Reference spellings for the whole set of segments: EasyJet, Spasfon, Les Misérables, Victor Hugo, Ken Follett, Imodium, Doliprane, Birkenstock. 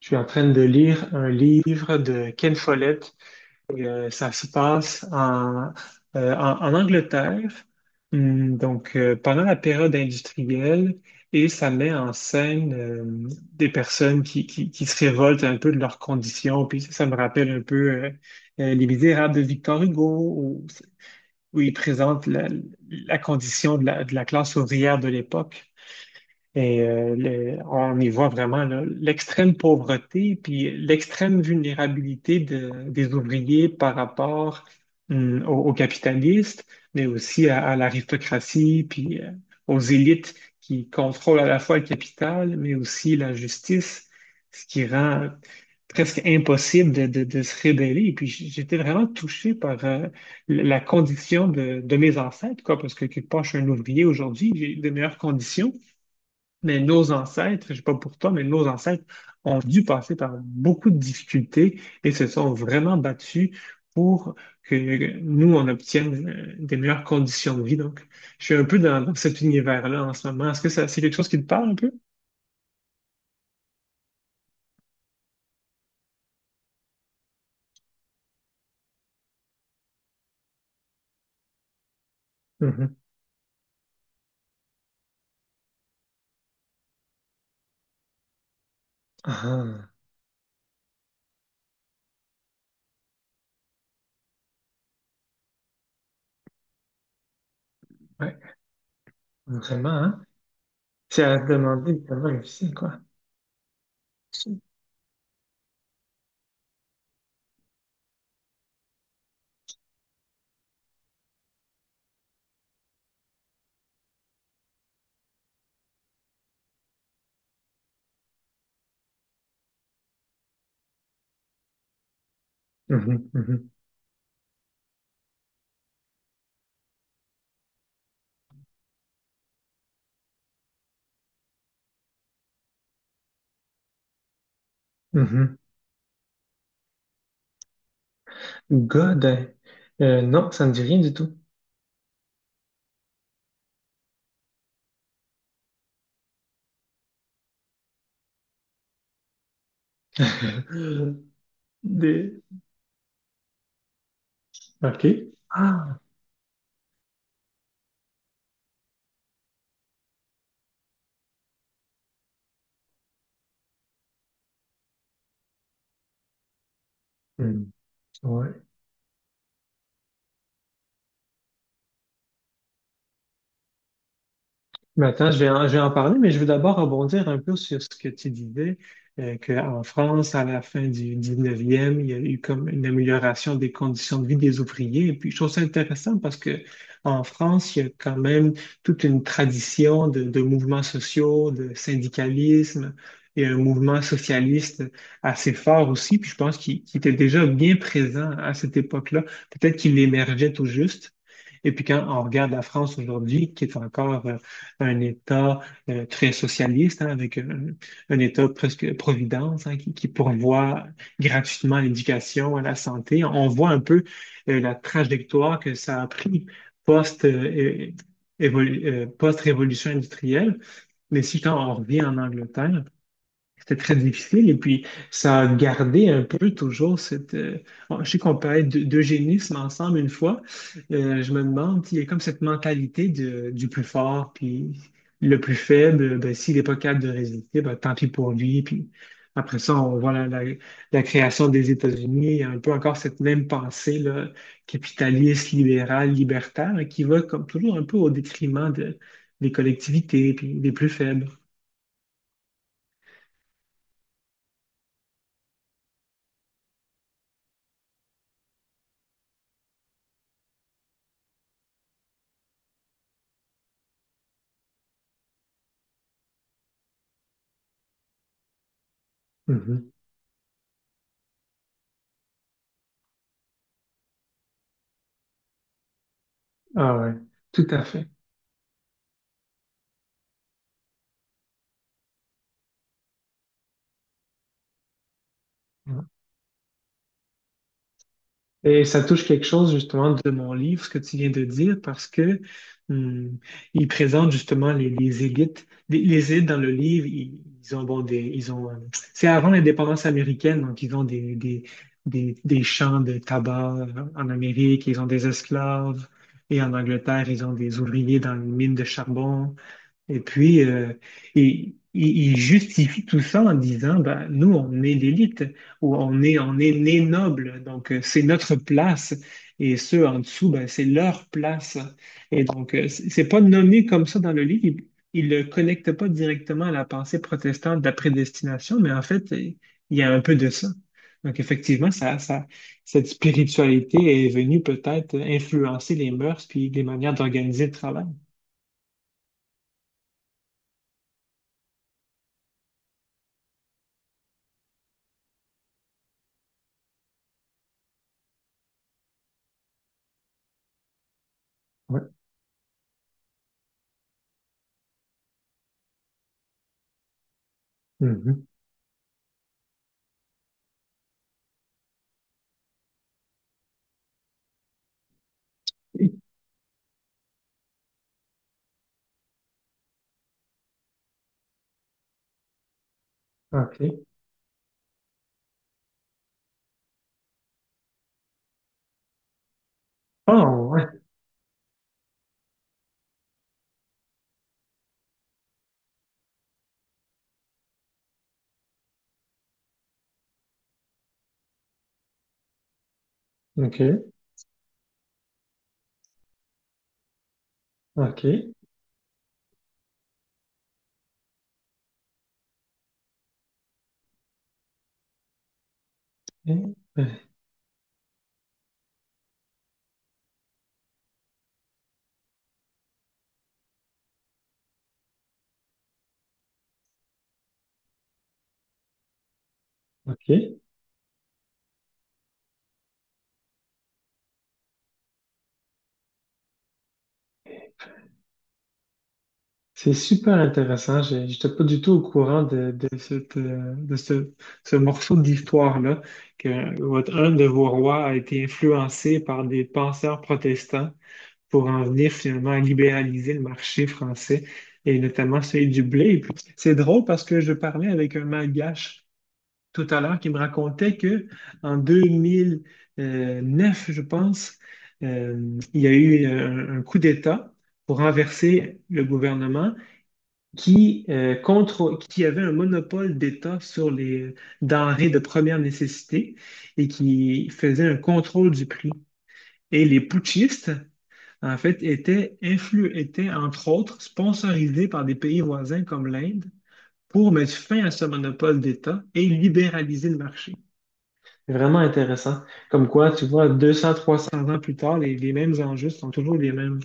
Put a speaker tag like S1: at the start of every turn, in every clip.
S1: Je suis en train de lire un livre de Ken Follett. Ça se passe en Angleterre, pendant la période industrielle, et ça met en scène des personnes qui se révoltent un peu de leurs conditions. Puis ça me rappelle un peu Les Misérables de Victor Hugo, où il présente la condition de la classe ouvrière de l'époque. Et on y voit vraiment là, l'extrême pauvreté puis l'extrême vulnérabilité des ouvriers par rapport aux capitalistes, mais aussi à l'aristocratie puis aux élites qui contrôlent à la fois le capital, mais aussi la justice, ce qui rend presque impossible de se rebeller. Et puis j'étais vraiment touché par la condition de mes ancêtres, quoi, parce que quelque part, je suis un ouvrier aujourd'hui, j'ai de meilleures conditions. Mais nos ancêtres, je sais pas pour toi, mais nos ancêtres ont dû passer par beaucoup de difficultés et se sont vraiment battus pour que nous, on obtienne des meilleures conditions de vie. Donc, je suis un peu dans cet univers-là en ce moment. Est-ce que ça, c'est quelque chose qui te parle un peu? Mhm. Ah, ouais, vraiment, hein? C'est à se demander vraiment difficile, quoi. Mhm, mhm, mhm. God, non, ça ne dit rien du tout. Des... OK. Ah. Ouais. Mais attends, je vais en parler, mais je veux d'abord rebondir un peu sur ce que tu disais, qu'en France, à la fin du 19e, il y a eu comme une amélioration des conditions de vie des ouvriers. Et puis, je trouve ça intéressant parce que en France, il y a quand même toute une tradition de mouvements sociaux, de syndicalisme et un mouvement socialiste assez fort aussi. Puis, je pense qu'il était déjà bien présent à cette époque-là. Peut-être qu'il émergeait tout juste. Et puis quand on regarde la France aujourd'hui, qui est encore un État très socialiste, hein, un État presque providence, hein, qui pourvoit gratuitement à l'éducation, à la santé, on voit un peu la trajectoire que ça a pris post, euh, post-révolution industrielle. Mais si quand on revient en Angleterre, c'était très difficile et puis ça a gardé un peu toujours bon, je sais qu'on parlait d'eugénisme ensemble une fois. Je me demande, il y a comme cette mentalité du plus fort, puis le plus faible, ben, s'il n'est pas capable de résister, ben, tant pis pour lui. Puis après ça, on voit la création des États-Unis, il y a un peu encore cette même pensée là, capitaliste, libérale, libertaire, hein, qui va comme toujours un peu au détriment des collectivités, puis des plus faibles. Mhm. Ah ouais, tout à fait. Mm. Et ça touche quelque chose justement de mon livre, ce que tu viens de dire, parce que hum, il présente justement les élites. Les élites dans le livre, ils ont c'est avant l'indépendance américaine, donc ils ont des champs de tabac en Amérique, ils ont des esclaves, et en Angleterre, ils ont des ouvriers dans les mines de charbon. Et puis, et il justifie tout ça en disant, ben, nous, on est l'élite, ou on est né noble, donc c'est notre place, et ceux en dessous, ben, c'est leur place. Et donc, c'est pas nommé comme ça dans le livre, il le connecte pas directement à la pensée protestante de la prédestination, mais en fait, il y a un peu de ça. Donc, effectivement, cette spiritualité est venue peut-être influencer les mœurs puis les manières d'organiser le travail. Ouais. Mhm. OK. Oh, ouais. OK. OK. Eh ben, OK. C'est super intéressant. Je n'étais pas du tout au courant de ce, ce morceau d'histoire-là, que votre, un de vos rois a été influencé par des penseurs protestants pour en venir finalement à libéraliser le marché français, et notamment celui du blé. Et puis, c'est drôle parce que je parlais avec un malgache tout à l'heure qui me racontait que en 2009 je pense, il y a eu un coup d'État pour renverser le gouvernement qui avait un monopole d'État sur les denrées de première nécessité et qui faisait un contrôle du prix. Et les putschistes, en fait, étaient, entre autres, sponsorisés par des pays voisins comme l'Inde pour mettre fin à ce monopole d'État et libéraliser le marché. C'est vraiment intéressant. Comme quoi, tu vois, trois 300 ans plus tard, les mêmes enjeux sont toujours les mêmes.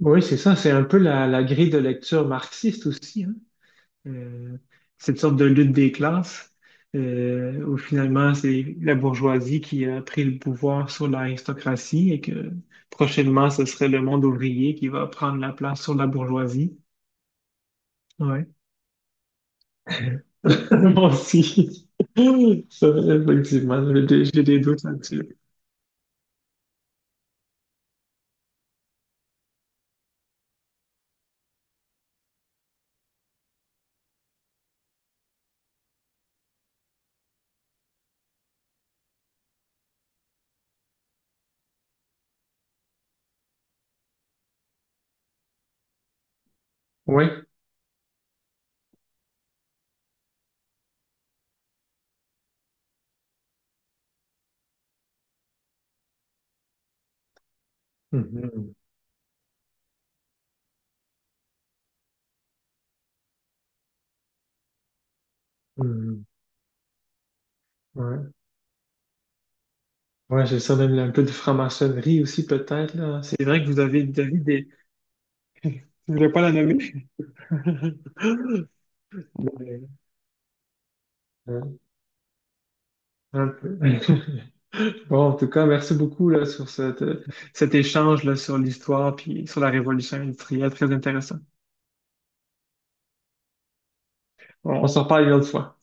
S1: Oui, c'est ça. C'est un peu la grille de lecture marxiste aussi, hein. Euh, Cette sorte de lutte des classes, où finalement, c'est la bourgeoisie qui a pris le pouvoir sur l'aristocratie et que prochainement, ce serait le monde ouvrier qui va prendre la place sur la bourgeoisie. Ouais. Moi aussi. Ça, effectivement, j'ai des doutes là-dessus. Oui. Mhm. Mhm. Ouais, ouais, j'ai ça, même un peu de franc-maçonnerie aussi, peut-être, là. C'est vrai que vous avez des... Je voulais pas la nommer. Mais, euh, un peu. Bon, en tout cas, merci beaucoup, là, sur cet échange, là, sur l'histoire, puis sur la révolution industrielle, très intéressant. On s'en reparle une autre fois.